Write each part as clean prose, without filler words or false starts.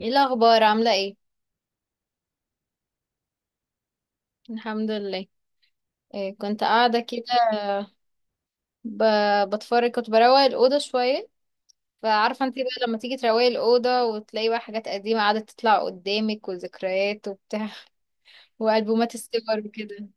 ايه الاخبار؟ عامله ايه؟ الحمد لله. إيه، كنت قاعده كده. بتفرج، كنت بروق الاوضه شويه. فعارفه انت بقى لما تيجي تروقي الاوضه وتلاقي بقى حاجات قديمه قاعده تطلع قدامك، وذكريات وبتاع. والبومات الصور وكده.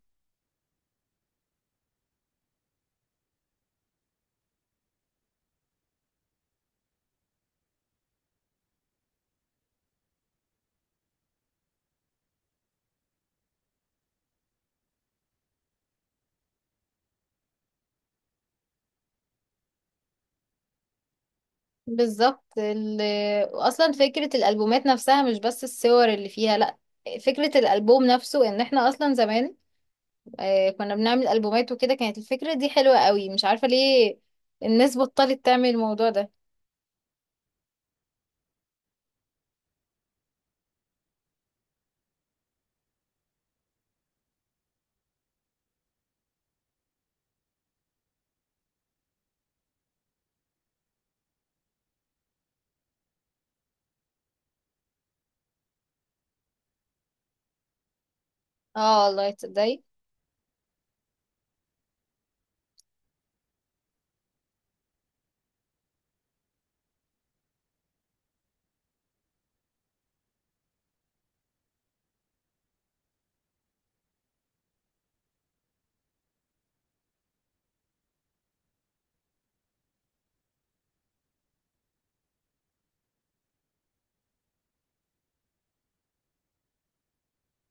بالظبط. اصلا فكره الالبومات نفسها، مش بس الصور اللي فيها، لا. فكره الالبوم نفسه، ان احنا اصلا زمان كنا بنعمل البومات وكده، كانت الفكره دي حلوه قوي، مش عارفه ليه الناس بطلت تعمل الموضوع ده. اه والله، تصدقي.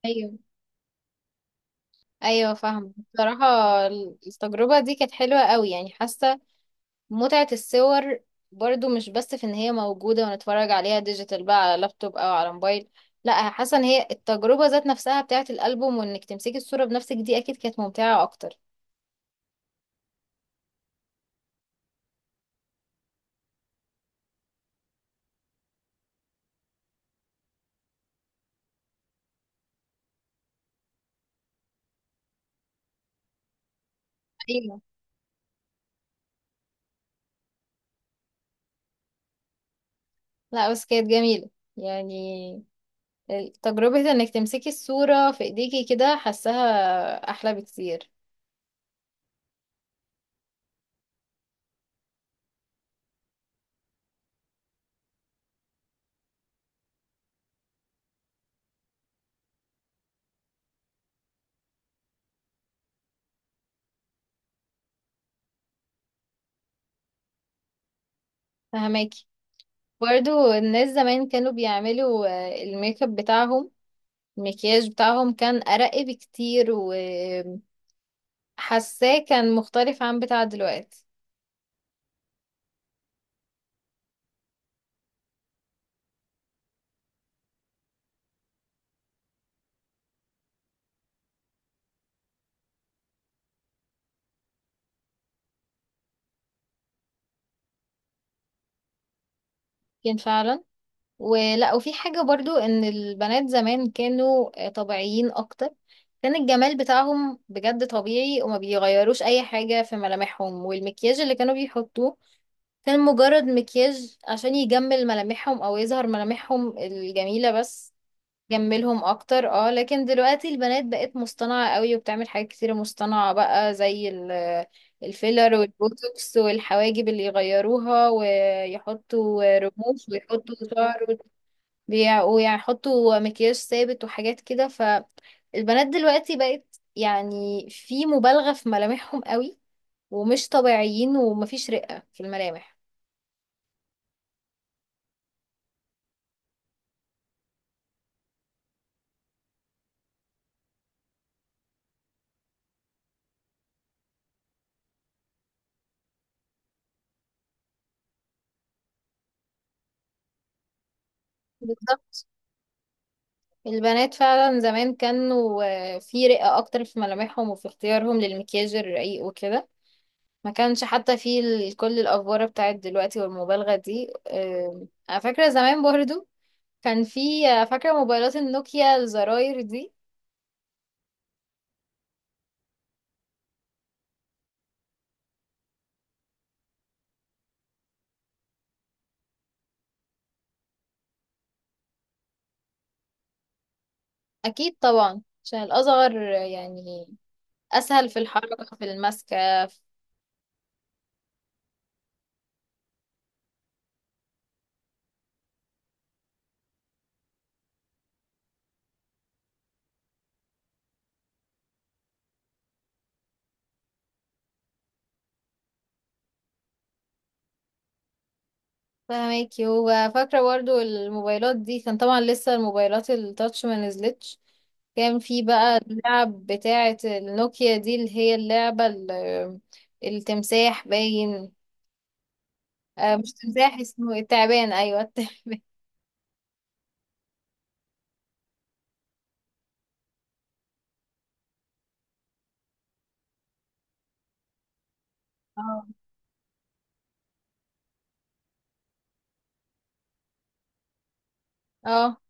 ايوه، ايوه، فاهمه بصراحه. التجربه دي كانت حلوه قوي، يعني حاسه متعه الصور برضو مش بس في ان هي موجوده ونتفرج عليها ديجيتال بقى على لابتوب او على موبايل، لا، حاسه ان هي التجربه ذات نفسها بتاعه الالبوم، وانك تمسكي الصوره بنفسك، دي اكيد كانت ممتعه اكتر. ايوه. لا، بس كانت جميله، يعني تجربه انك تمسكي الصوره في ايديكي كده، حاساها احلى بكتير. فهماكي؟ برضو الناس زمان كانوا بيعملوا الميك اب بتاعهم، المكياج بتاعهم كان أرق بكتير، وحاساه كان مختلف عن بتاع دلوقتي. كان فعلا. ولا، وفي حاجة برضو ان البنات زمان كانوا طبيعيين اكتر، كان الجمال بتاعهم بجد طبيعي، وما بيغيروش اي حاجة في ملامحهم، والمكياج اللي كانوا بيحطوه كان مجرد مكياج عشان يجمل ملامحهم او يظهر ملامحهم الجميلة بس، جملهم اكتر. اه، لكن دلوقتي البنات بقت مصطنعة قوي، وبتعمل حاجات كتيرة مصطنعة بقى زي الفيلر والبوتوكس والحواجب اللي يغيروها، ويحطوا رموش، ويحطوا شعر، ويحطوا مكياج ثابت وحاجات كده، فالبنات دلوقتي بقت يعني في مبالغة في ملامحهم قوي، ومش طبيعيين، ومفيش رقة في الملامح. بالظبط، البنات فعلا زمان كانوا في رقة أكتر في ملامحهم، وفي اختيارهم للمكياج الرقيق وكده، ما كانش حتى في كل الأفوارة بتاعت دلوقتي والمبالغة دي. أنا فاكرة زمان برضو كان في، فاكرة موبايلات النوكيا الزراير دي. أكيد طبعا، عشان الأصغر يعني أسهل في الحركة، في المسكة. فاهماكي. وفاكرة برضو الموبايلات دي، كان طبعا لسه الموبايلات التاتش ما نزلتش، كان في بقى اللعب بتاعة النوكيا دي، اللي هي اللعبة التمساح، باين. آه، مش تمساح. اسمه إيه؟ التعبان، ايوه التعبان. اه. اه.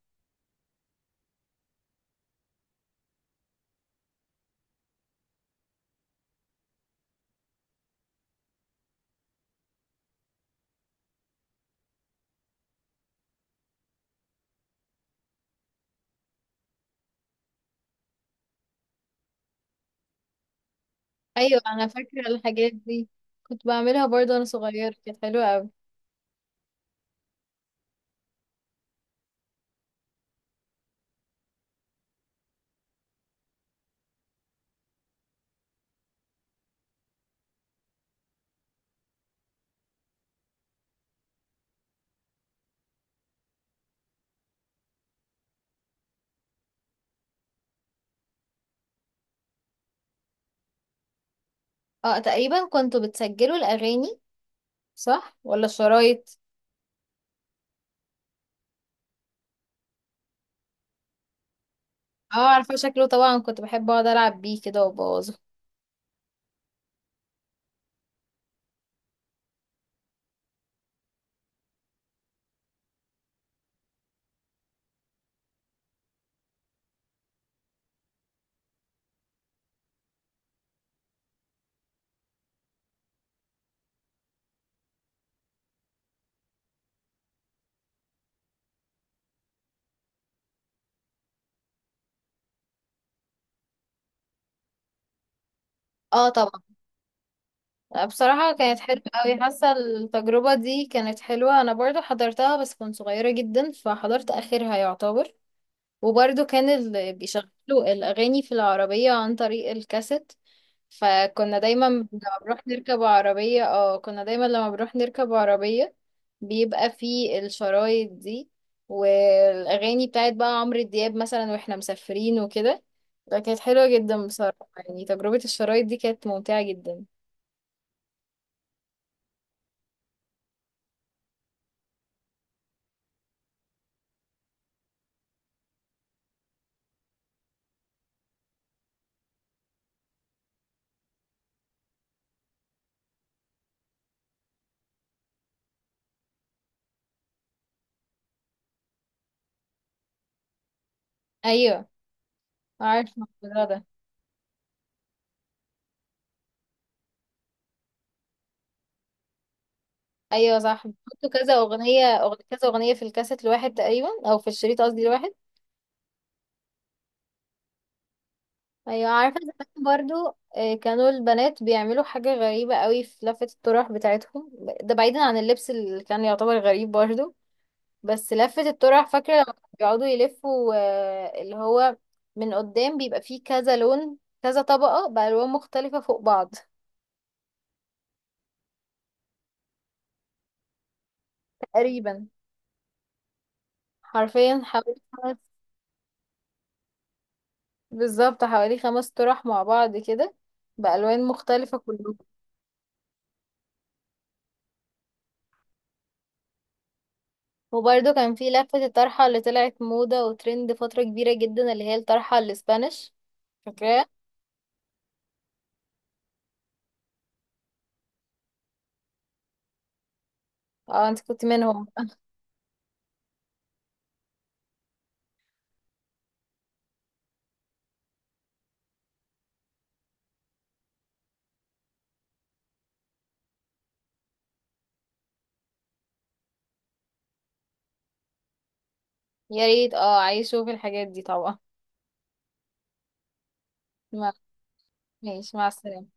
ايوه، انا فاكرة الحاجات دي، كنت بعملها برضو وانا صغيرة، كانت حلوة اوي. اه، تقريبا كنتوا بتسجلوا الاغاني، صح ولا الشرايط؟ اه، عارفة شكله طبعا، كنت بحب اقعد العب بيه كده وابوظه. اه طبعا. بصراحة كانت حلوة أوي، حاسة التجربة دي كانت حلوة، أنا برضو حضرتها بس كنت صغيرة جدا، فحضرت آخرها يعتبر. وبرضو كان اللي بيشغلوا الأغاني في العربية عن طريق الكاسيت، فكنا دايما لما بنروح نركب عربية اه كنا دايما لما بنروح نركب عربية بيبقى في الشرايط دي، والأغاني بتاعت بقى عمرو دياب مثلا، واحنا مسافرين وكده. ده كانت حلوة جدا بصراحة، يعني تجربة الشرايط دي كانت ممتعة جدا. أيوة. عارفة الموضوع ده. ايوه صح، بيحطوا كذا اغنية كذا اغنية في الكاسيت الواحد تقريبا، او في الشريط قصدي الواحد. ايوه، عارفة زمان برضو كانوا البنات بيعملوا حاجة غريبة قوي في لفة الطرح بتاعتهم، ده بعيدا عن اللبس اللي كان يعتبر غريب برضو. بس لفة الطرح، فاكرة لما كانوا بيقعدوا يلفوا اللي هو من قدام بيبقى فيه كذا لون، كذا طبقة بألوان مختلفة فوق بعض. تقريبا. حرفيا حوالي. بالظبط، حوالي خمس طرح مع بعض كده، بألوان مختلفة كلهم. وبرده كان في لفة الطرحة اللي طلعت موضة وترند فترة كبيرة جدا، اللي هي الطرحة الاسبانيش. فاكراها؟ اه، انت كنت منهم. يا ريت، اه عايشوا في الحاجات دي طبعا. ما- ماشي، مع السلامة.